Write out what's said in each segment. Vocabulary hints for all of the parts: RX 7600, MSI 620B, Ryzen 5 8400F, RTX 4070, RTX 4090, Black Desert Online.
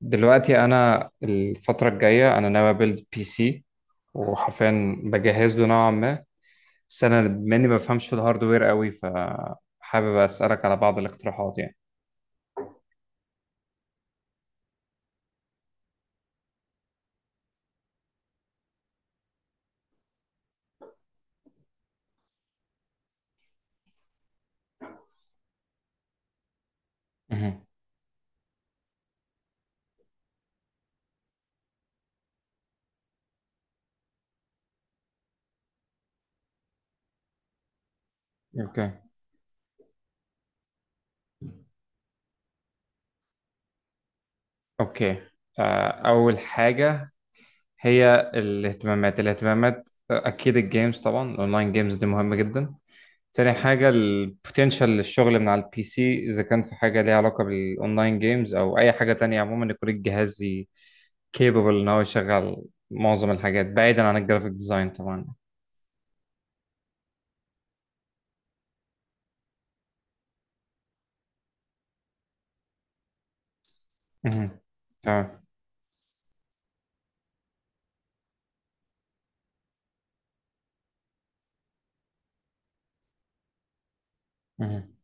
دلوقتي انا الفتره الجايه انا ناوي ابيلد بي سي، وحرفيا بجهز له نوعا ما. بس انا مني ما بفهمش في الهاردوير قوي، فحابب اسالك على بعض الاقتراحات يعني. مهم. اوكي. اوكي. اول حاجه هي الاهتمامات، اكيد الجيمز طبعا، الاونلاين جيمز دي مهمه جدا. تاني حاجة البوتنشال للشغل من على البي سي، إذا كان في حاجة ليها علاقة بالأونلاين جيمز أو أي حاجة تانية عموما، يكون الجهاز كيبل إن هو يشغل معظم الحاجات بعيدا عن الجرافيك ديزاين طبعا. مهم. تمام. مهم.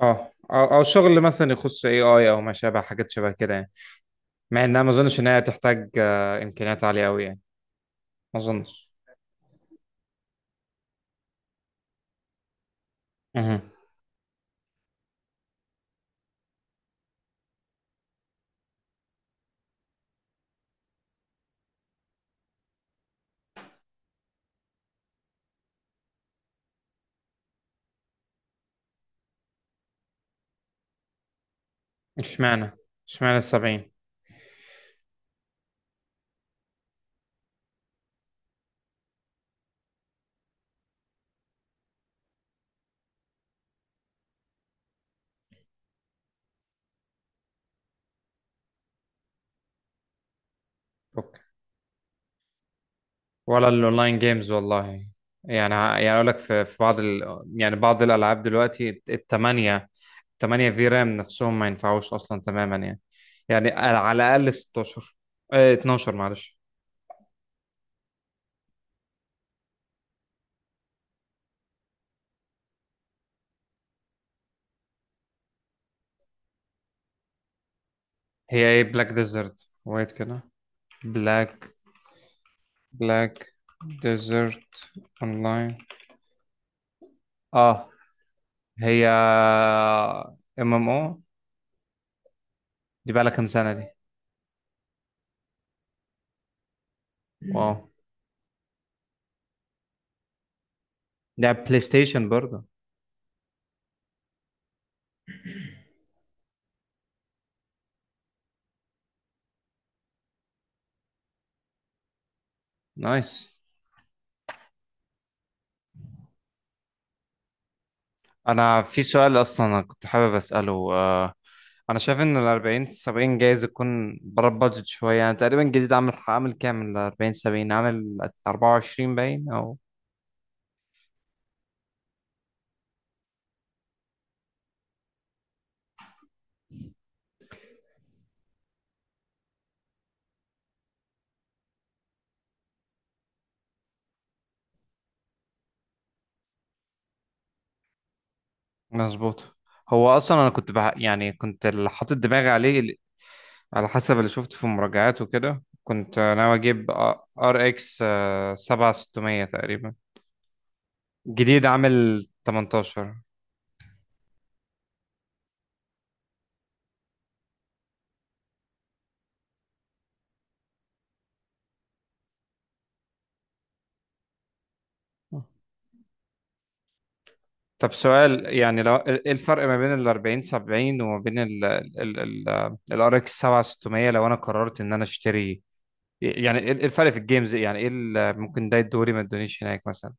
أو شغل مثلا يخص اي اي أو ما شابه، حاجات شبه كده يعني. مع إنها ما أظنش إن هي تحتاج إمكانيات عالية أوي يعني. ما أظنش. مهم. اشمعنى اشمعنى السبعين؟ ولا الاونلاين جيمز والله. يعني اقول لك في يعني بعض الالعاب دلوقتي التمانية. 8 في رام نفسهم ما ينفعوش اصلا تماما يعني. يعني على الاقل 16، اه 12 معلش. هي ايه بلاك ديزرت ويت كده؟ بلاك بلاك ديزرت اونلاين. اه. هي ام ام او. دي بقى لها كام سنة دي؟ واو. ده بلاي ستيشن برضه؟ نايس. انا في سؤال اصلا أنا كنت حابب اساله، انا شايف ان ال 40 70 جايز يكون بره البادجت شويه يعني. تقريبا جديد عامل كام ال 40 70؟ عامل 24 باين او؟ مظبوط. هو اصلا انا يعني كنت اللي حاطط دماغي عليه على حسب اللي شفته في المراجعات وكده، كنت ناوي اجيب ار اكس 7600 تقريبا. جديد عامل 18. طب سؤال، يعني لو ايه الفرق ما بين ال 40 70 وما بين ال RX 7600، لو انا قررت ان انا اشتري؟ يعني ايه الفرق في الجيمز؟ يعني ايه اللي ممكن ده الدوري ما ادونيش هناك مثلا؟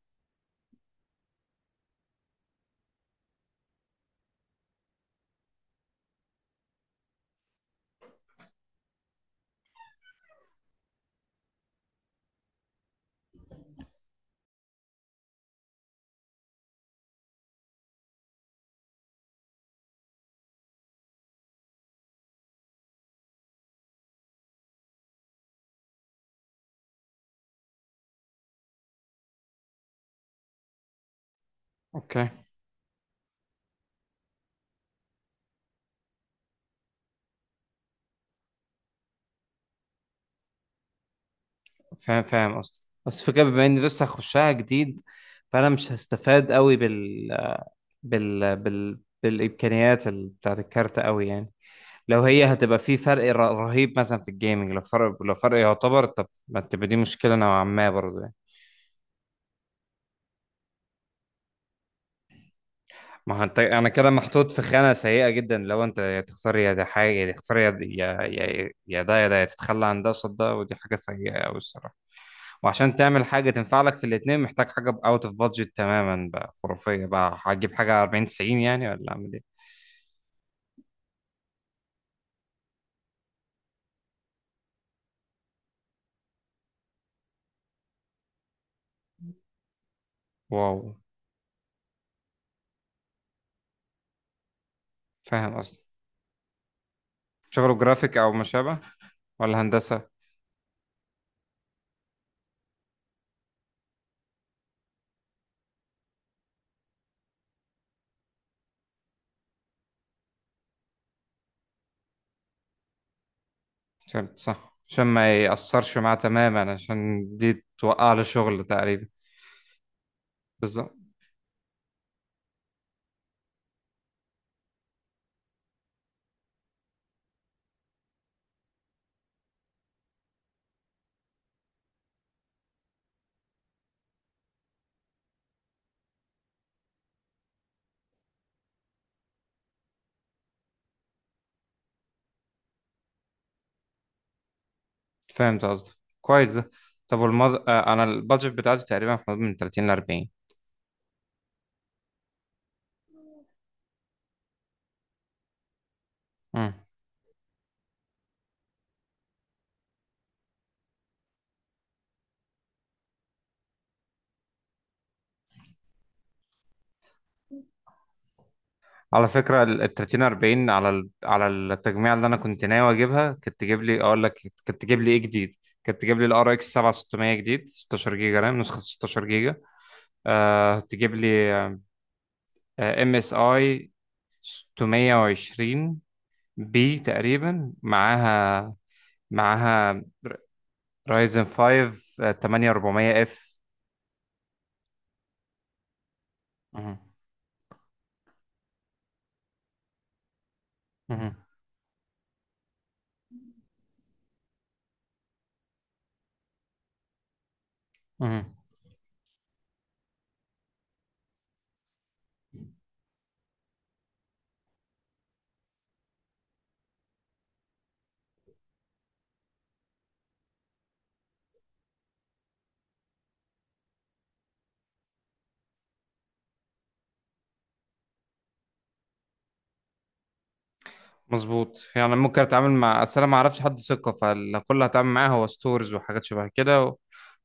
اوكي. فاهم قصدي. بس فكرة بما اني لسه هخشها جديد، فانا مش هستفاد قوي بال بالامكانيات بتاعت الكارت قوي يعني. لو هي هتبقى في فرق رهيب مثلا في الجيمنج، لو فرق، لو فرق يعتبر، طب ما تبقى دي مشكله نوعا ما برضه يعني. ما هو انت انا كده محطوط في خانه سيئه جدا، لو انت يا تختار يا ده حاجه، يا تختار يا ده، يا تتخلى عن ده قصاد ده، ودي حاجه سيئه قوي الصراحه. وعشان تعمل حاجة تنفع لك في الاتنين محتاج حاجة اوت اوف بادجت تماما بقى، خرافية بقى، هتجيب حاجة 40 90 يعني، ولا اعمل ايه؟ واو. فاهم قصدي. شغله جرافيك او ما شابه؟ ولا هندسة؟ عشان صح، عشان ما يأثرش معاه تماما، عشان دي توقع له شغل تقريبا. بالظبط. فهمت قصدك. كويس ده. طب والمض... آه، انا البادجت بتاعتي تقريبا في حدود من 30 ل 40. على فكرة ال 30 40، على على التجميع اللي أنا كنت ناوي أجيبها، كانت تجيب لي أقول لك، كانت تجيب لي إيه جديد، كانت تجيب لي ال RX 7600 جديد 16 جيجا رام، نسخة 16 جيجا. آه، تجيب لي آه MSI 620 بي تقريبا معاها. معاها رايزن 5 8400 اف. مهم. مهم. مهم. مظبوط. يعني ممكن اتعامل مع، اصل انا ما اعرفش حد ثقه، فكل اللي هتعامل معاه هو ستورز وحاجات شبه كده،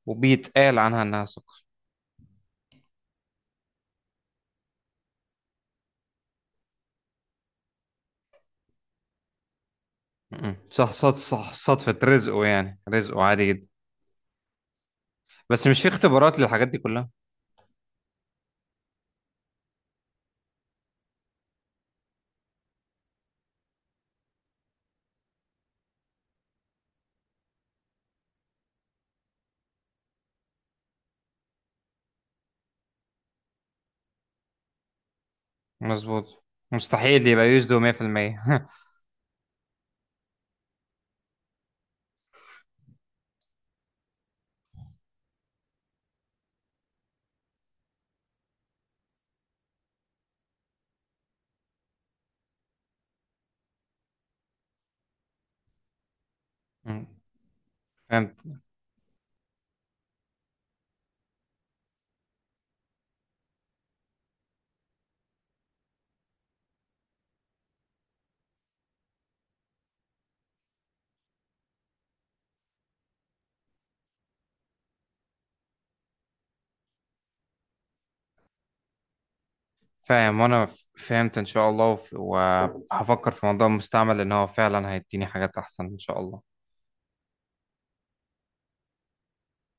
وبيتقال عنها إنها سكر. م. صح، صح، صح. صدفة رزقه يعني، رزقه عادي جدا. بس مش في اختبارات للحاجات دي كلها؟ مظبوط. مستحيل يبقى يسدو 100%. م. فهمت. فاهم. وأنا فهمت إن شاء الله، وهفكر في موضوع المستعمل، إن هو فعلا هيديني حاجات أحسن إن شاء الله.